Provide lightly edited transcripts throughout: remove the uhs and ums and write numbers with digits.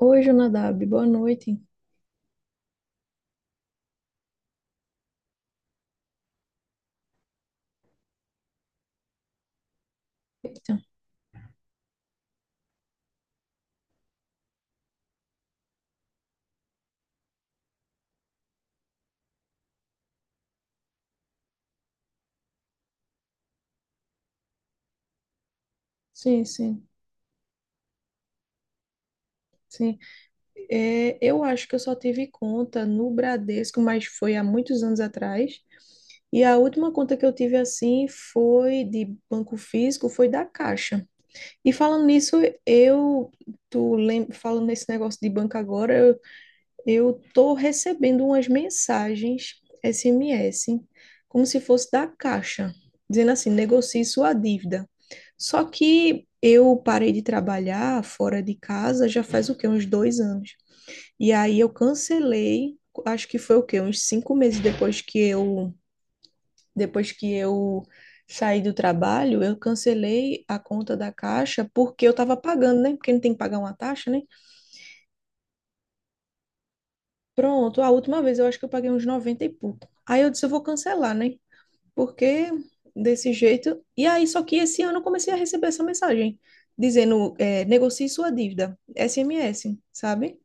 Oi, Jonadab, boa noite. Eita, sim, sim, sim. É, eu acho que eu só tive conta no Bradesco, mas foi há muitos anos atrás. E a última conta que eu tive assim foi de banco físico, foi da Caixa. E falando nisso, eu, falando nesse negócio de banco agora, eu tô recebendo umas mensagens SMS, como se fosse da Caixa, dizendo assim: negocie sua dívida. Só que eu parei de trabalhar fora de casa já faz o quê? Uns dois anos. E aí eu cancelei, acho que foi o quê? Uns cinco meses depois que eu saí do trabalho, eu cancelei a conta da Caixa porque eu estava pagando, né? Porque não tem que pagar uma taxa, né? Pronto, a última vez eu acho que eu paguei uns 90 e pouco. Aí eu disse, eu vou cancelar, né? Porque desse jeito. E aí, só que esse ano eu comecei a receber essa mensagem dizendo, é, negocie sua dívida, SMS, sabe?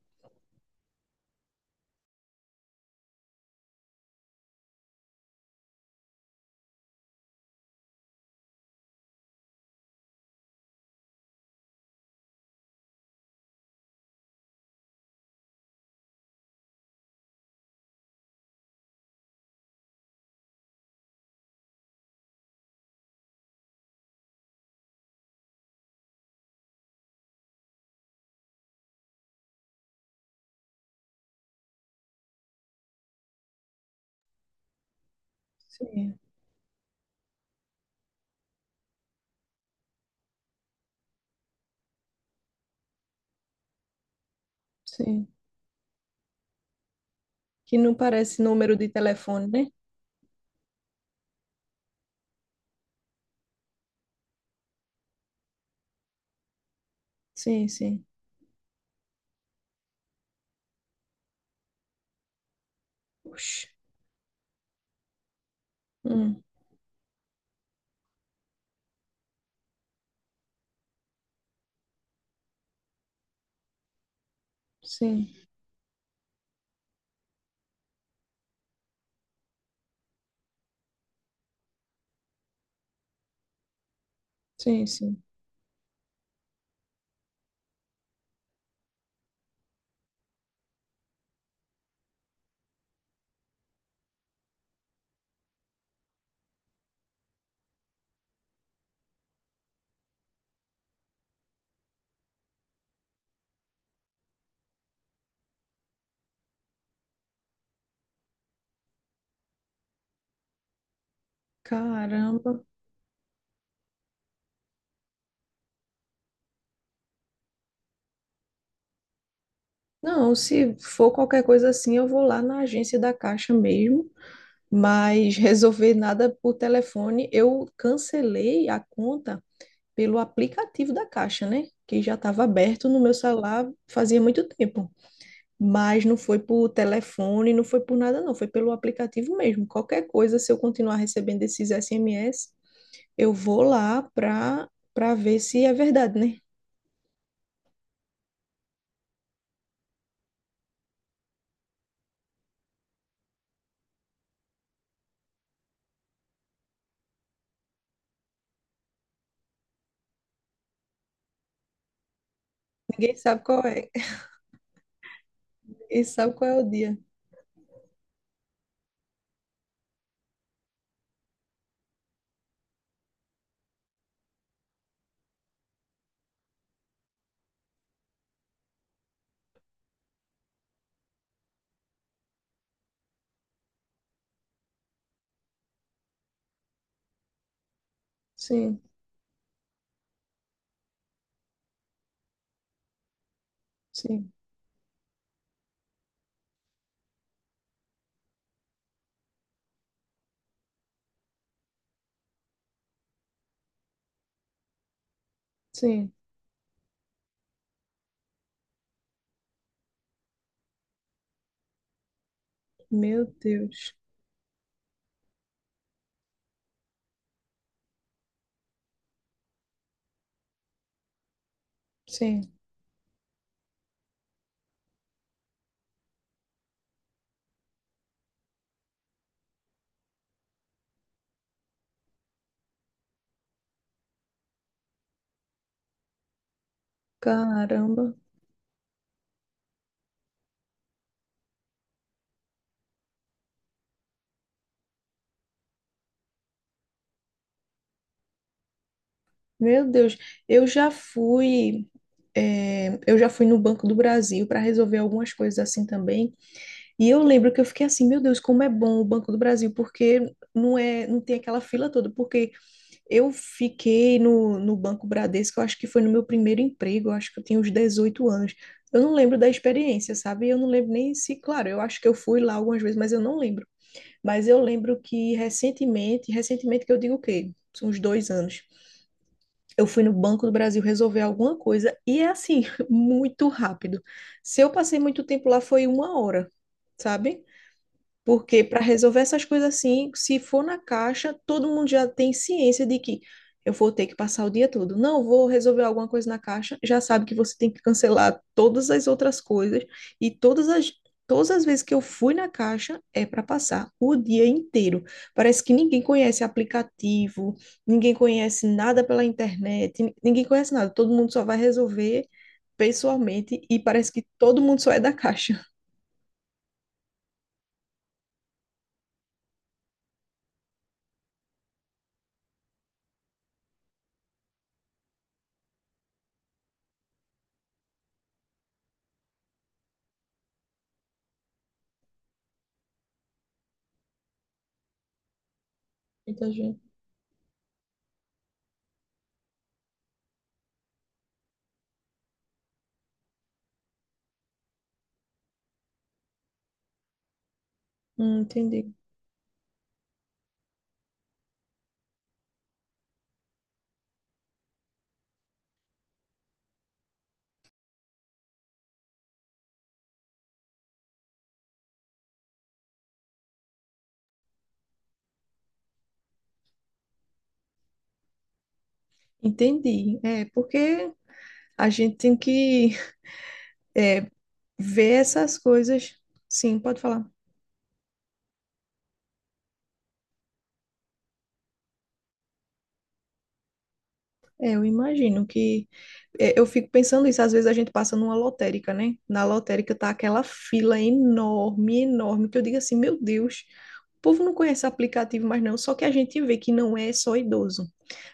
Sim, sim. Que não parece número de telefone, né? Sim. Oxi. Hum, sim, sim. Caramba. Não, se for qualquer coisa assim, eu vou lá na agência da Caixa mesmo, mas resolver nada por telefone. Eu cancelei a conta pelo aplicativo da Caixa, né? Que já estava aberto no meu celular fazia muito tempo. Mas não foi por telefone, não foi por nada, não. Foi pelo aplicativo mesmo. Qualquer coisa, se eu continuar recebendo esses SMS, eu vou lá para ver se é verdade, né? Ninguém sabe qual é. Ninguém sabe qual é o dia. Sim, sim, sim. Meu Deus. Sim. Caramba. Meu Deus, eu já fui, eu já fui no Banco do Brasil para resolver algumas coisas assim também. E eu lembro que eu fiquei assim, meu Deus, como é bom o Banco do Brasil, porque não é, não tem aquela fila toda. Porque eu fiquei no Banco Bradesco, eu acho que foi no meu primeiro emprego, eu acho que eu tinha uns 18 anos. Eu não lembro da experiência, sabe? Eu não lembro nem se, claro, eu acho que eu fui lá algumas vezes, mas eu não lembro. Mas eu lembro que recentemente, recentemente que eu digo o quê? Uns dois anos. Eu fui no Banco do Brasil resolver alguma coisa e é assim, muito rápido. Se eu passei muito tempo lá, foi uma hora, sabe? Porque para resolver essas coisas assim, se for na caixa, todo mundo já tem ciência de que eu vou ter que passar o dia todo. Não vou resolver alguma coisa na caixa, já sabe que você tem que cancelar todas as outras coisas e todas as vezes que eu fui na caixa é para passar o dia inteiro. Parece que ninguém conhece aplicativo, ninguém conhece nada pela internet, ninguém conhece nada. Todo mundo só vai resolver pessoalmente e parece que todo mundo só é da caixa. Muita gente. Entendi. Entendi. É, porque a gente tem que, é, ver essas coisas. Sim, pode falar. É, eu imagino que. É, eu fico pensando isso, às vezes a gente passa numa lotérica, né? Na lotérica tá aquela fila enorme, enorme, que eu digo assim, meu Deus, o povo não conhece aplicativo mais não, só que a gente vê que não é só idoso.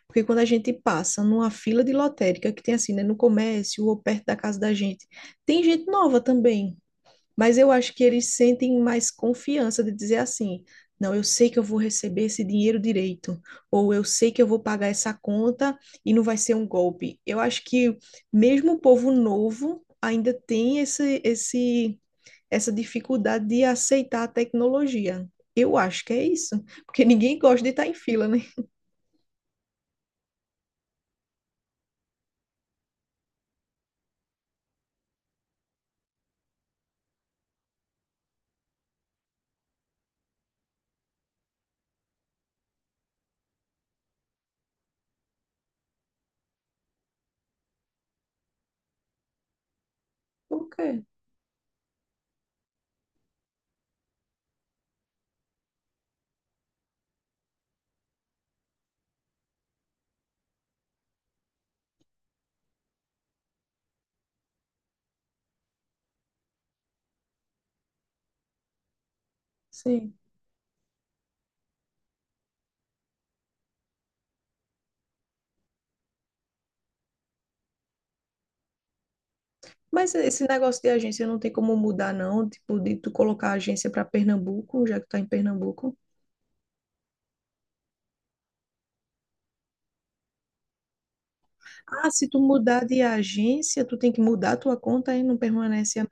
Porque quando a gente passa numa fila de lotérica, que tem assim, né, no comércio ou perto da casa da gente, tem gente nova também. Mas eu acho que eles sentem mais confiança de dizer assim: não, eu sei que eu vou receber esse dinheiro direito, ou eu sei que eu vou pagar essa conta e não vai ser um golpe. Eu acho que mesmo o povo novo ainda tem essa dificuldade de aceitar a tecnologia. Eu acho que é isso, porque ninguém gosta de estar em fila, né? Por quê? Sim. Mas esse negócio de agência não tem como mudar, não? Tipo, de tu colocar a agência para Pernambuco, já que tu tá em Pernambuco. Ah, se tu mudar de agência, tu tem que mudar a tua conta e não permanece a...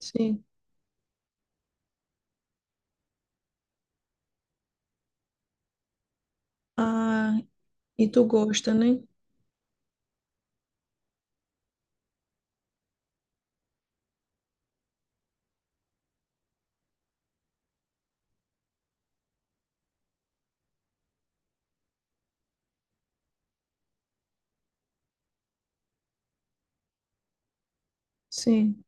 Sim. Ah, e tu gosta, né? Sim.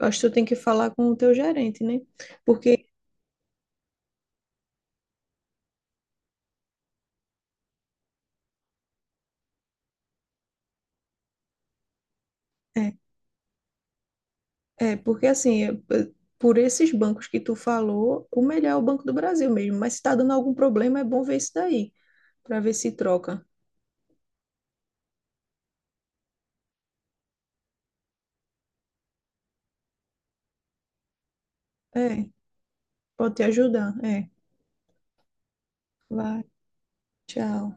Eu acho que tu tem que falar com o teu gerente, né? Porque é, é, porque assim, por esses bancos que tu falou, o melhor é o Banco do Brasil mesmo. Mas se tá dando algum problema, é bom ver isso daí, para ver se troca. É, pode te ajudar. É, vai, tchau.